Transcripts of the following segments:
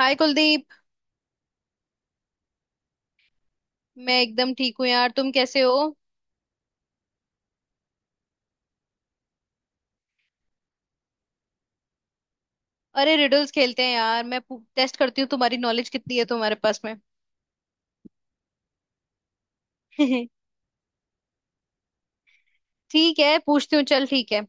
हाय कुलदीप। मैं एकदम ठीक हूँ यार, तुम कैसे हो? अरे रिडल्स खेलते हैं यार, मैं टेस्ट करती हूँ तुम्हारी नॉलेज कितनी है तुम्हारे पास में। ठीक है, पूछती हूँ, चल ठीक है।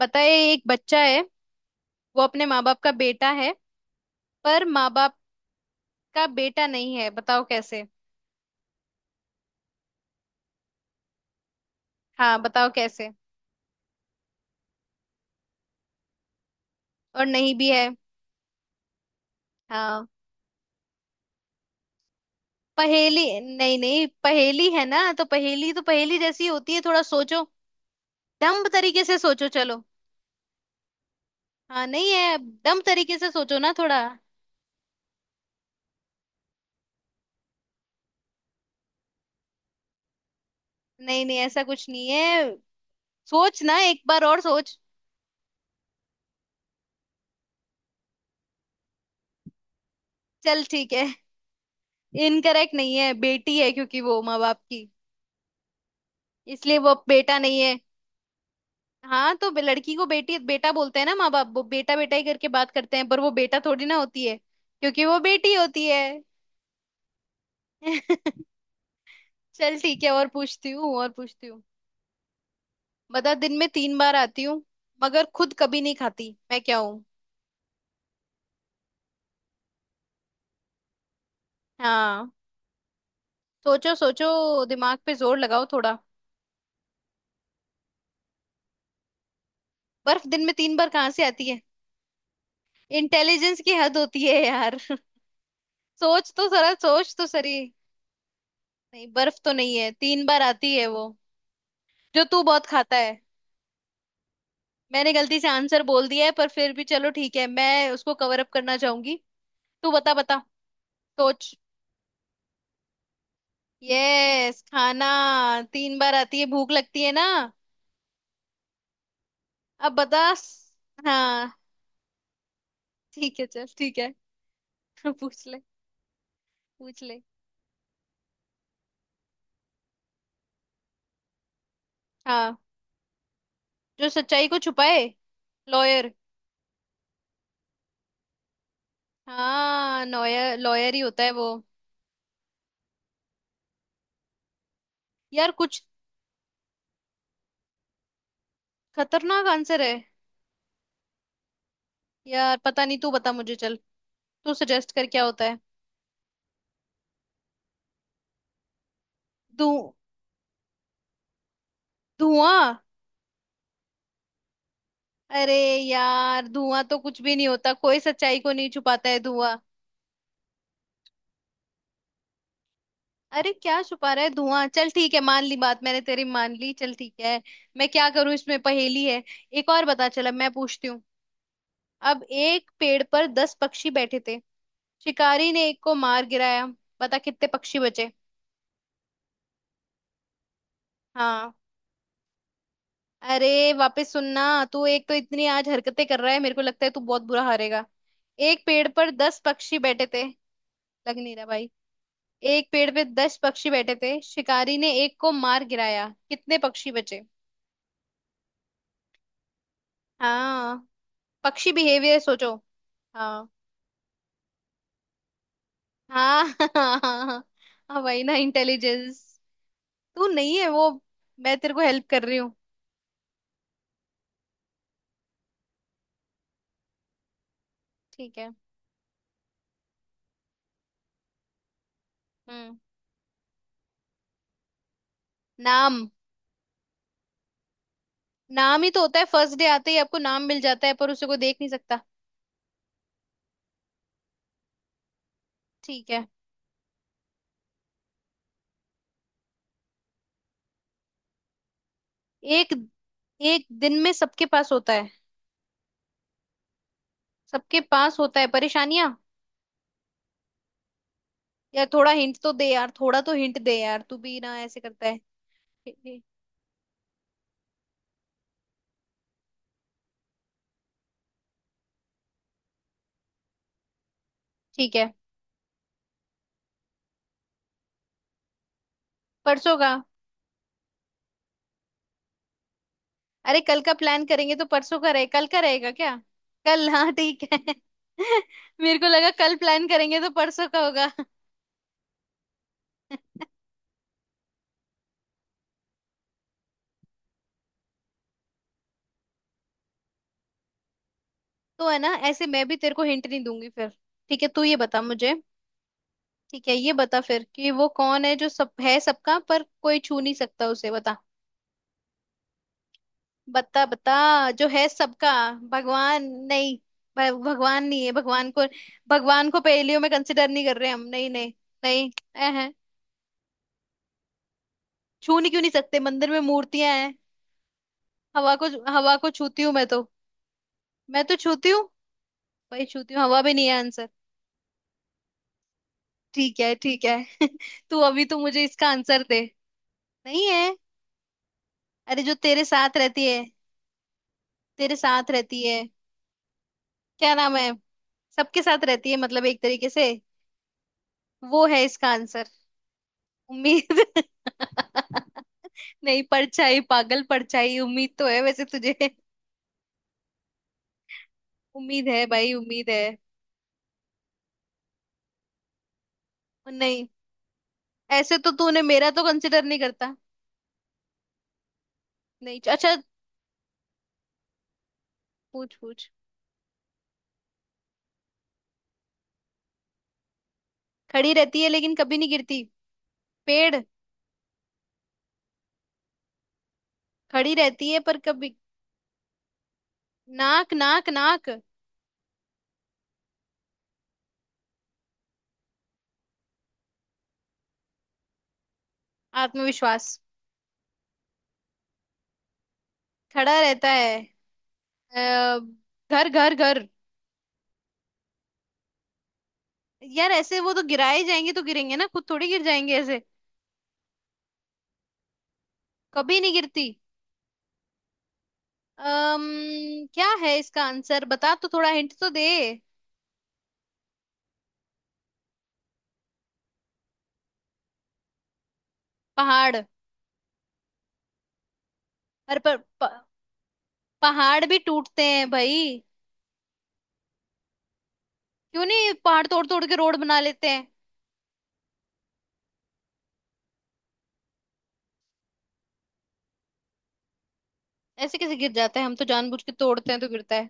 बताए, एक बच्चा है, वो अपने माँ बाप का बेटा है, पर माँ बाप का बेटा नहीं है, बताओ कैसे? हाँ, बताओ कैसे? और नहीं भी है। हाँ। पहेली, नहीं नहीं, पहेली है ना, तो पहेली जैसी ही होती है, थोड़ा सोचो। दम्ब तरीके से सोचो, चलो। हाँ, नहीं है, दम तरीके से सोचो ना थोड़ा। नहीं नहीं, ऐसा कुछ नहीं है। सोच ना, एक बार और सोच। चल ठीक है, इनकरेक्ट नहीं है, बेटी है क्योंकि वो माँ बाप की, इसलिए वो बेटा नहीं है। हाँ तो लड़की को बेटी बेटा बोलते हैं ना माँ बाप, वो बेटा बेटा ही करके बात करते हैं, पर वो बेटा थोड़ी ना होती है, क्योंकि वो बेटी होती है। चल ठीक है, और पूछती हूँ, और पूछती हूँ। बता, दिन में 3 बार आती हूँ मगर खुद कभी नहीं खाती, मैं क्या हूँ? हाँ, सोचो सोचो। दिमाग पे जोर लगाओ थोड़ा। बर्फ दिन में 3 बार कहाँ से आती है? इंटेलिजेंस की हद होती है यार। सोच तो जरा, सोच तो सही। नहीं, बर्फ तो नहीं है, 3 बार आती है वो, जो तू बहुत खाता है। मैंने गलती से आंसर बोल दिया है, पर फिर भी चलो ठीक है, मैं उसको कवर अप करना चाहूंगी। तू बता बता, सोच। यस, खाना। 3 बार आती है, भूख लगती है ना। अब बता हाँ ठीक है, चल ठीक है। पूछ ले, पूछ ले। हाँ, जो सच्चाई को छुपाए, लॉयर। हाँ, लॉयर लॉयर ही होता है वो। यार कुछ। खतरनाक आंसर है। यार पता नहीं, तू बता मुझे चल। तू सजेस्ट कर क्या होता है। धु धुआं। अरे यार, धुआं तो कुछ भी नहीं होता, कोई सच्चाई को नहीं छुपाता है धुआं। अरे क्या छुपा रहा है धुआं, चल ठीक है, मान ली बात, मैंने तेरी मान ली, चल ठीक है। मैं क्या करूं, इसमें पहेली है। एक और बता, चल अब मैं पूछती हूँ। अब एक पेड़ पर 10 पक्षी बैठे थे, शिकारी ने एक को मार गिराया, बता कितने पक्षी बचे? हाँ। अरे वापस सुनना। तू एक तो इतनी आज हरकतें कर रहा है, मेरे को लगता है तू बहुत बुरा हारेगा। एक पेड़ पर 10 पक्षी बैठे थे। लग नहीं रहा भाई। एक पेड़ पे 10 पक्षी बैठे थे, शिकारी ने एक को मार गिराया, कितने पक्षी बचे? हाँ। पक्षी बिहेवियर सोचो। हाँ हाँ। हाँ हाँ। हाँ, वही ना, इंटेलिजेंस। तू नहीं है वो। मैं तेरे को हेल्प कर रही हूँ। ठीक है। हम्म। नाम। नाम ही तो होता है, फर्स्ट डे आते ही आपको नाम मिल जाता है, पर उसे कोई देख नहीं सकता। ठीक है। एक एक दिन में सबके पास होता है। सबके पास होता है परेशानियां। यार थोड़ा हिंट तो दे, यार थोड़ा तो हिंट दे यार, तू भी ना ऐसे करता है। ठीक है। परसों का? अरे, कल का प्लान करेंगे तो परसों का रहे, कल का रहेगा क्या? कल, हाँ ठीक है। मेरे को लगा कल प्लान करेंगे तो परसों का होगा। तो है ना, ऐसे मैं भी तेरे को हिंट नहीं दूंगी फिर। ठीक है तू ये बता मुझे। ठीक है, ये बता फिर कि वो कौन है जो सब है सबका पर कोई छू नहीं सकता उसे, बता। बता बता, जो है सबका। भगवान नहीं। भगवान नहीं है, भगवान को। भगवान को पहेलियों में कंसिडर नहीं कर रहे हम, नहीं नहीं। नहीं। ऐ है। छू नहीं क्यों नहीं सकते, मंदिर में मूर्तियां हैं। हवा को हवा को छूती हूँ मैं तो। मैं तो छूती हूँ। भाई छूती हूँ, हवा भी नहीं है आंसर। ठीक है, ठीक है। तू अभी तो मुझे इसका आंसर दे। नहीं है। अरे, जो तेरे साथ रहती है, तेरे साथ रहती है। क्या नाम है? सबके साथ रहती है मतलब, एक तरीके से। वो है इसका आंसर। उम्मीद? नहीं, परछाई पागल, परछाई। उम्मीद तो है वैसे तुझे। उम्मीद है भाई, उम्मीद है। और नहीं। ऐसे तो तूने मेरा तो कंसिडर नहीं करता। नहीं, अच्छा। पूछ पूछ। खड़ी रहती है लेकिन कभी नहीं गिरती, पेड़। खड़ी रहती है पर कभी। नाक नाक नाक। आत्मविश्वास। खड़ा रहता है। अ, घर घर घर। यार ऐसे वो तो गिराए जाएंगे तो गिरेंगे ना, खुद थोड़ी गिर जाएंगे ऐसे। कभी नहीं गिरती। क्या है इसका आंसर, बता तो, थोड़ा हिंट तो दे। पहाड़। अरे पर, पहाड़ भी टूटते हैं भाई। क्यों नहीं, पहाड़ तोड़ तोड़ के रोड बना लेते हैं। ऐसे कैसे गिर जाता है, हम तो जानबूझ के तोड़ते हैं तो गिरता है।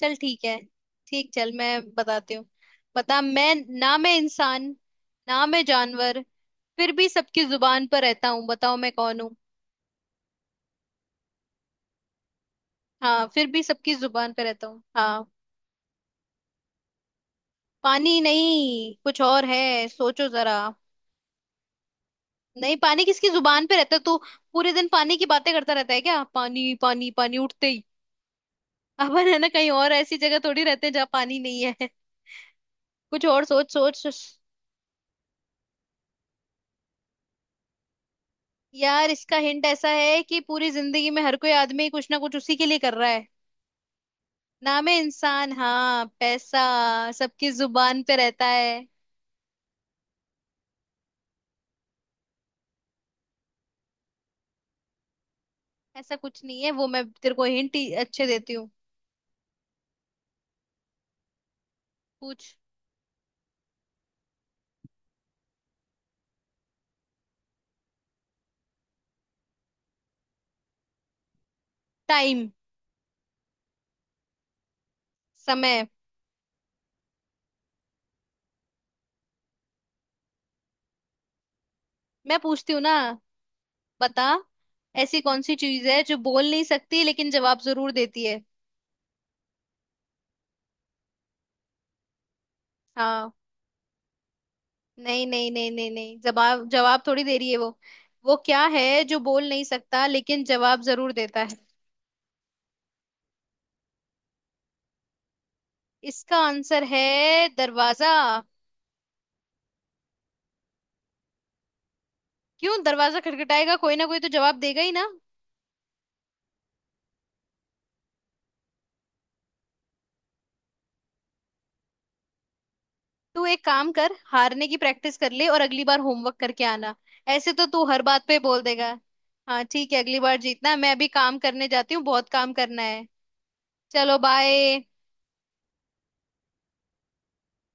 चल ठीक है। ठीक चल, मैं बताती हूँ। बता, मैं ना मैं इंसान, ना मैं जानवर, फिर भी सबकी जुबान पर रहता हूँ, बताओ मैं कौन हूँ? हाँ, फिर भी सबकी जुबान पर रहता हूँ, हाँ। पानी नहीं, कुछ और है, सोचो जरा। नहीं पानी, किसकी जुबान पे रहता है तो? पूरे दिन पानी की बातें करता रहता है क्या, पानी पानी पानी उठते ही। अपन है ना, कहीं और ऐसी जगह थोड़ी रहते हैं जहाँ पानी नहीं है। कुछ और सोच सोच। यार इसका हिंट ऐसा है कि पूरी जिंदगी में हर कोई आदमी कुछ ना कुछ उसी के लिए कर रहा है। नाम है इंसान। हाँ, पैसा। सबकी जुबान पे रहता है। ऐसा कुछ नहीं है वो, मैं तेरे को हिंट अच्छे देती हूँ। पूछ। टाइम, समय। मैं पूछती हूँ ना। बता, ऐसी कौन सी चीज है जो बोल नहीं सकती लेकिन जवाब जरूर देती है? हाँ। नहीं नहीं नहीं नहीं नहीं, जवाब जवाब थोड़ी दे रही है वो। वो क्या है जो बोल नहीं सकता लेकिन जवाब जरूर देता है। इसका आंसर है दरवाजा। क्यों, दरवाजा खटखटाएगा कोई, ना कोई तो जवाब देगा ही ना। तू एक काम कर, हारने की प्रैक्टिस कर ले, और अगली बार होमवर्क करके आना। ऐसे तो तू हर बात पे बोल देगा। हाँ ठीक है, अगली बार जीतना, मैं अभी काम करने जाती हूँ, बहुत काम करना है। चलो बाय।